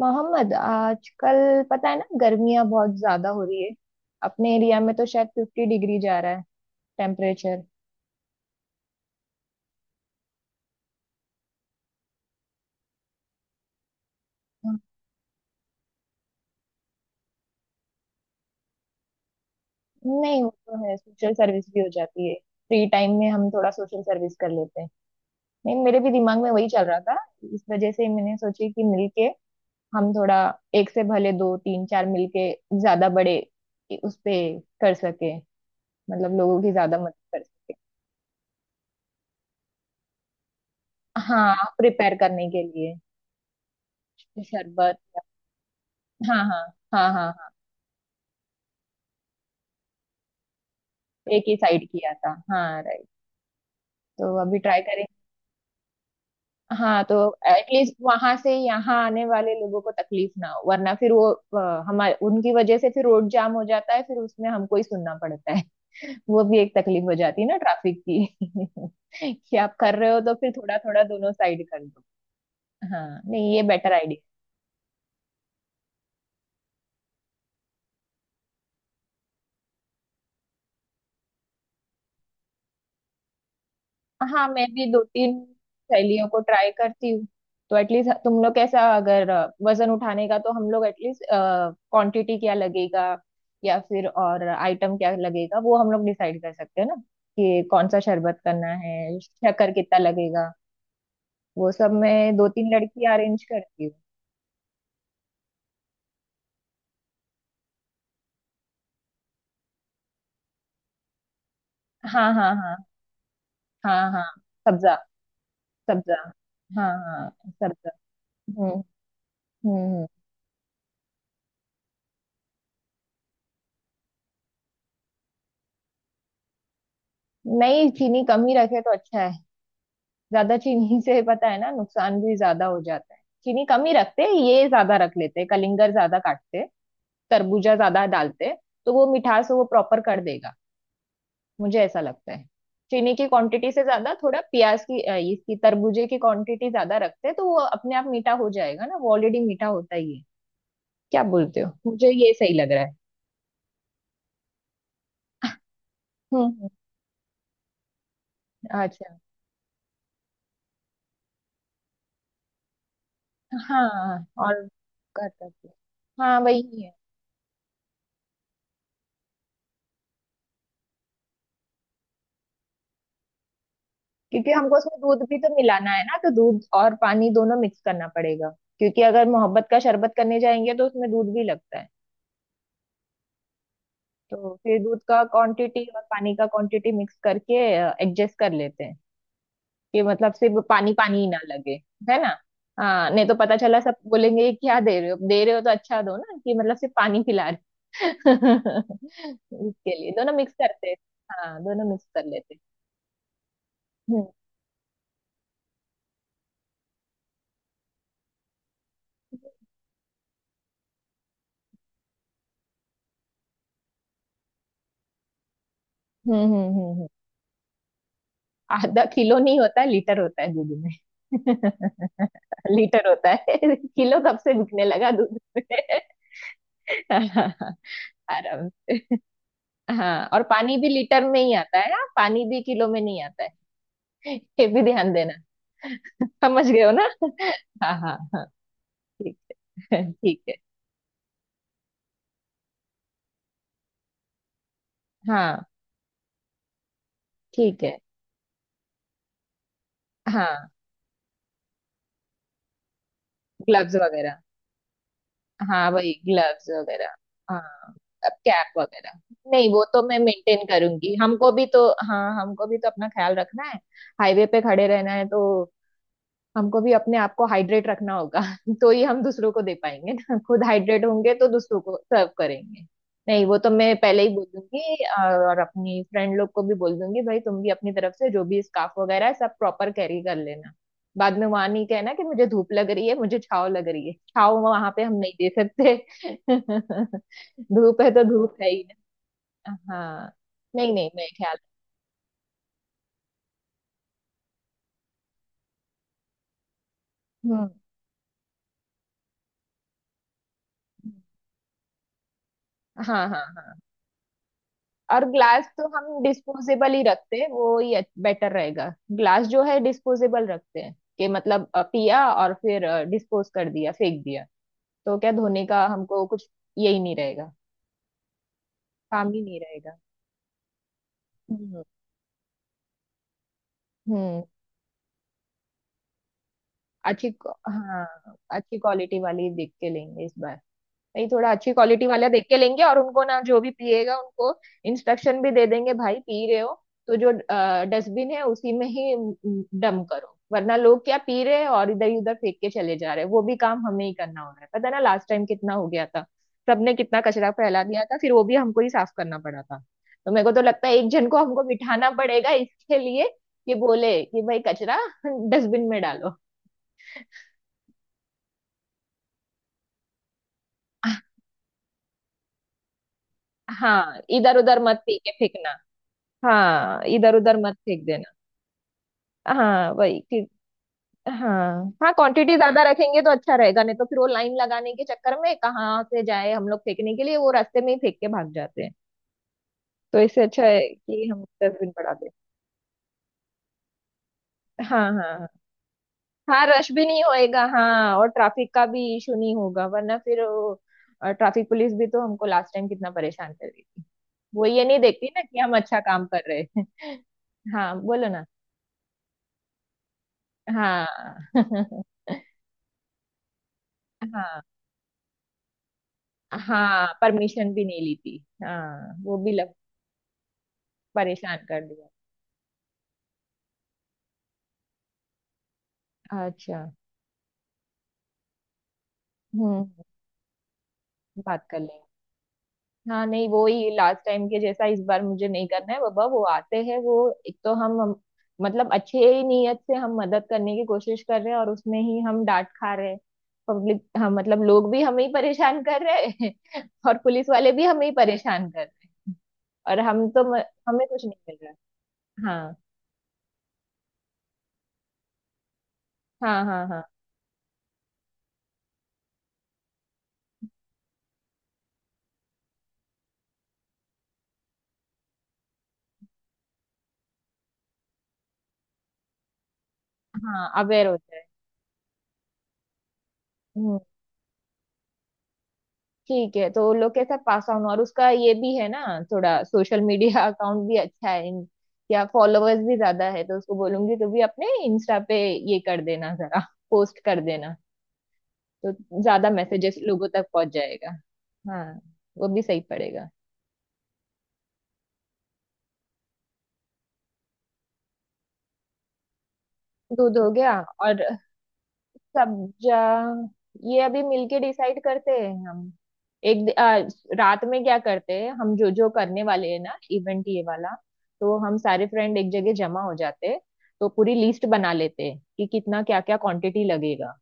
मोहम्मद आजकल पता है ना, गर्मियां बहुत ज्यादा हो रही है। अपने एरिया में तो शायद 50 डिग्री जा रहा है टेम्परेचर। नहीं, वो तो है, सोशल सर्विस भी हो जाती है। फ्री टाइम में हम थोड़ा सोशल सर्विस कर लेते हैं। नहीं, मेरे भी दिमाग में वही चल रहा था। इस वजह से मैंने सोची कि मिलके हम थोड़ा, एक से भले 2 3 4 मिलके ज्यादा बड़े उस पे कर सके, मतलब लोगों की ज्यादा मदद कर सके। हाँ, प्रिपेयर करने के लिए शरबत। हाँ हाँ। हाँ हाँ। एक ही साइड किया था, हाँ, राइट। तो अभी ट्राई करें। हाँ, तो एटलीस्ट वहां से यहाँ आने वाले लोगों को तकलीफ ना हो, वरना फिर वो हमारे, उनकी वजह से फिर रोड जाम हो जाता है, फिर उसमें हमको ही सुनना पड़ता है। वो भी एक तकलीफ हो जाती है ना, ट्रैफिक की। कि आप कर रहे हो तो फिर थोड़ा थोड़ा दोनों साइड कर दो। हाँ, नहीं, ये बेटर। हाँ, मैं भी 2 3 शैलियों को ट्राई करती हूँ। तो एटलीस्ट तुम लोग कैसा, अगर वजन उठाने का, तो हम लोग एटलीस्ट क्वांटिटी क्या लगेगा या फिर और आइटम क्या लगेगा, वो हम लोग डिसाइड कर सकते हैं ना, कि कौन सा शरबत करना है, शक्कर कितना लगेगा। वो सब मैं 2 3 लड़की अरेंज करती हूँ। हाँ हाँ हाँ। हाँ हाँ। सब्जा। सब्जा। हाँ हाँ। सब्जा। हम्म हम्म हम्म। नहीं, चीनी कम ही रखे तो अच्छा। ज्यादा चीनी से पता है ना, नुकसान भी ज्यादा हो जाता है। चीनी कम ही रखते हैं, ये ज्यादा रख लेते हैं, कलिंगर ज्यादा काटते हैं, तरबूजा ज्यादा डालते हैं, तो वो मिठास वो प्रॉपर कर देगा। मुझे ऐसा लगता है चीनी की क्वांटिटी से ज्यादा थोड़ा प्याज की इसकी, तरबूजे की क्वांटिटी ज्यादा रखते हैं तो वो अपने आप मीठा हो जाएगा ना, वो ऑलरेडी मीठा होता ही है। क्या बोलते हो, मुझे ये सही लग रहा है। हम्म हम्म, अच्छा। हाँ, और कर सकते हैं। हाँ, वही। क्योंकि हमको उसमें दूध भी तो मिलाना है ना, तो दूध और पानी दोनों मिक्स करना पड़ेगा। क्योंकि अगर मोहब्बत का शरबत करने जाएंगे तो उसमें दूध भी लगता है। तो फिर दूध का क्वांटिटी और पानी का क्वांटिटी मिक्स करके एडजस्ट कर लेते हैं, कि मतलब सिर्फ पानी पानी ही ना लगे, है ना? हाँ, नहीं तो पता चला सब बोलेंगे "ये क्या दे रहे हो, दे रहे हो तो अच्छा दो ना, कि मतलब सिर्फ पानी पिला रहे हो।" इसके लिए दोनों मिक्स करते हैं। हाँ, दोनों मिक्स कर लेते हैं। हम्म हम्म हम्म हम्म हम्म। आधा किलो नहीं होता है, लीटर होता है दूध में। लीटर होता है, किलो कब से बिकने लगा दूध में। आराम से। हाँ, और पानी भी लीटर में ही आता है। हाँ, पानी भी किलो में नहीं आता है, ये भी ध्यान देना। समझ गए हो ना। हाँ हाँ हाँ। ठीक है। ठीक है। हाँ। ठीक है। हाँ, ग्लव्स वगैरह। हाँ, वही ग्लव्स वगैरह। हाँ, अब कैप वगैरह। नहीं, वो तो मैं मेंटेन करूंगी। हमको भी तो, हाँ, हमको भी तो अपना ख्याल रखना है। हाईवे पे खड़े रहना है तो हमको भी अपने आप को हाइड्रेट रखना होगा। तो ही हम दूसरों को दे पाएंगे। ना खुद हाइड्रेट होंगे तो दूसरों को सर्व करेंगे। नहीं, वो तो मैं पहले ही बोल दूंगी। और अपनी फ्रेंड लोग को भी बोल दूंगी भाई तुम भी अपनी तरफ से जो भी स्कार्फ वगैरह है सब प्रॉपर कैरी कर लेना। बाद में वहां नहीं कहना कि मुझे धूप लग रही है, मुझे छाव लग रही है। छाव वहां पे हम नहीं दे सकते। धूप है तो धूप है ही ना। हाँ, नहीं नहीं, मैं ख्याल। हम्म। हाँ हाँ हाँ। और ग्लास तो हम डिस्पोजेबल ही रखते हैं, वो ही बेटर रहेगा। ग्लास जो है डिस्पोजेबल रखते हैं, कि मतलब पिया और फिर डिस्पोज कर दिया, फेंक दिया। तो क्या धोने का हमको कुछ, यही नहीं रहेगा, काम ही नहीं रहेगा। हम्म। हम्म। अच्छी हाँ, अच्छी क्वालिटी वाली देख के लेंगे इस बार। नहीं, थोड़ा अच्छी क्वालिटी वाला देख के लेंगे। और उनको ना, जो भी पिएगा उनको इंस्ट्रक्शन भी दे देंगे, भाई पी रहे हो तो जो डस्टबिन है उसी में ही डम करो। वरना लोग क्या पी रहे हैं और इधर उधर फेंक के चले जा रहे हैं, वो भी काम हमें ही करना हो रहा है। पता है ना, लास्ट टाइम कितना हो गया था। सबने कितना कचरा फैला दिया था, फिर वो भी हमको ही साफ करना पड़ा था। तो मेरे को तो लगता है एक जन को हमको बिठाना पड़ेगा इसके लिए, कि बोले कि भाई कचरा डस्टबिन में डालो। हाँ, इधर उधर मत फेंके, फेंकना। हाँ, इधर उधर मत फेंक देना। हाँ, वही कि, हाँ हाँ, क्वांटिटी ज्यादा रखेंगे तो अच्छा रहेगा। नहीं तो फिर वो लाइन लगाने के चक्कर में कहाँ से जाए हम लोग फेंकने के लिए, वो रास्ते में ही फेंक के भाग जाते हैं। तो इससे अच्छा है कि हम डस्टबिन बढ़ा दें। हाँ हाँ हाँ। हाँ, रश भी नहीं होएगा। हाँ, और ट्रैफिक का भी इशू नहीं होगा, वरना फिर वो ट्रैफिक पुलिस भी तो हमको लास्ट टाइम कितना परेशान कर रही थी। वो ये नहीं देखती ना कि हम अच्छा काम कर रहे हैं। हाँ, बोलो ना। हाँ। हाँ हाँ, परमिशन भी नहीं ली थी। हाँ, वो भी लग, परेशान कर दिया। अच्छा। हम्म। बात कर लेंगे। हाँ, नहीं, वो ही लास्ट टाइम के जैसा इस बार मुझे नहीं करना है बाबा। वो आते हैं वो, एक तो हम, मतलब अच्छे ही नीयत से हम मदद करने की कोशिश कर रहे हैं, और उसमें ही हम डांट खा रहे हैं। पब्लिक, हाँ, मतलब लोग भी हमें ही परेशान कर रहे हैं। और पुलिस वाले भी हमें ही परेशान कर रहे हैं। और हम तो हमें कुछ नहीं मिल रहा। हाँ हाँ हाँ हाँ। हाँ, अवेयर होता है। ठीक है, तो वो लोग कैसा पास ऑन और उसका ये भी है ना। थोड़ा सोशल मीडिया अकाउंट भी अच्छा है या फॉलोअर्स भी ज्यादा है, तो उसको बोलूंगी तो भी अपने इंस्टा पे ये कर देना जरा, पोस्ट कर देना, तो ज्यादा मैसेजेस लोगों तक पहुंच जाएगा। हाँ, वो भी सही पड़ेगा। दूध हो गया और सब्जा, ये अभी मिलके डिसाइड करते हैं हम। एक दि- आ, रात में क्या करते हैं, हम जो जो करने वाले हैं ना इवेंट ये वाला, तो हम सारे फ्रेंड एक जगह जमा हो जाते हैं, तो पूरी लिस्ट बना लेते हैं कि कितना क्या क्या क्वांटिटी लगेगा,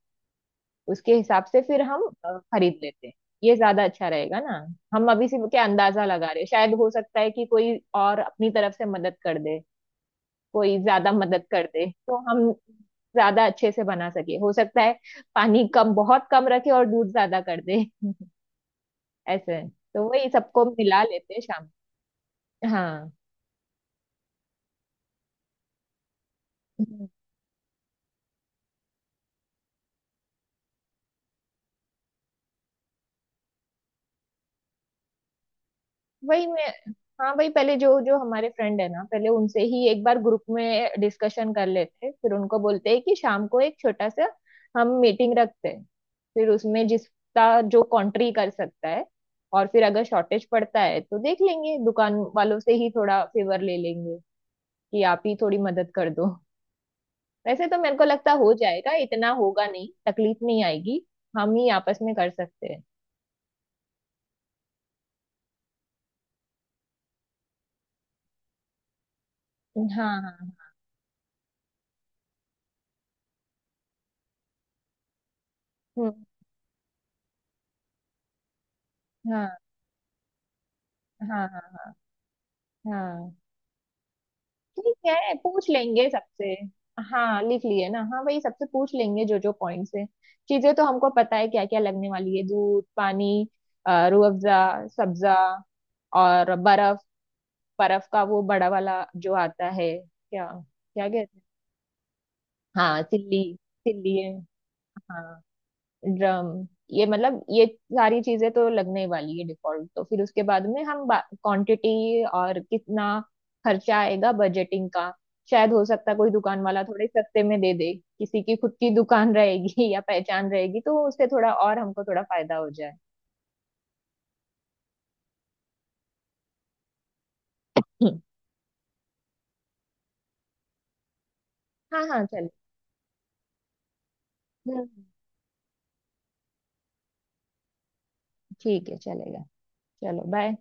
उसके हिसाब से फिर हम खरीद लेते हैं। ये ज्यादा अच्छा रहेगा ना। हम अभी से क्या अंदाजा लगा रहे हैं, शायद हो सकता है कि कोई और अपनी तरफ से मदद कर दे। कोई ज्यादा मदद कर दे तो हम ज्यादा अच्छे से बना सके, हो सकता है पानी कम, बहुत कम रखे और दूध ज्यादा कर दे। ऐसे है। तो वही सबको मिला लेते हैं शाम। हाँ। हम्म। वही मैं, हाँ, वही पहले जो जो हमारे फ्रेंड है ना, पहले उनसे ही एक बार ग्रुप में डिस्कशन कर लेते हैं, फिर उनको बोलते हैं कि शाम को एक छोटा सा हम मीटिंग रखते हैं, फिर उसमें जिसका जो कंट्री कर सकता है, और फिर अगर शॉर्टेज पड़ता है तो देख लेंगे दुकान वालों से ही थोड़ा फेवर ले लेंगे कि आप ही थोड़ी मदद कर दो। वैसे तो मेरे को लगता हो जाएगा, इतना होगा नहीं, तकलीफ नहीं आएगी। हम ही आपस में कर सकते हैं। हाँ हाँ। हम्म। हाँ हाँ हाँ हाँ। ठीक है, पूछ लेंगे सबसे। हाँ, लिख लिए ना, हाँ, वही सबसे पूछ लेंगे जो जो पॉइंट्स है। चीजें तो हमको पता है क्या क्या लगने वाली है, दूध, पानी, रूह अफ़ज़ा, सब्जा, और बर्फ। बर्फ का वो बड़ा वाला जो आता है क्या, क्या कहते हैं? हाँ, सिल्ली। सिल्ली है। हाँ, ड्रम, ये मतलब ये सारी चीजें तो लगने वाली है डिफॉल्ट, तो फिर उसके बाद में हम क्वांटिटी और कितना खर्चा आएगा, बजटिंग का। शायद हो सकता है कोई दुकान वाला थोड़े सस्ते में दे दे, किसी की खुद की दुकान रहेगी या पहचान रहेगी, तो उससे थोड़ा, और हमको थोड़ा फायदा हो जाए। हम्म। हाँ हाँ, चले। हम्म। ठीक है, चलेगा। चलो, बाय।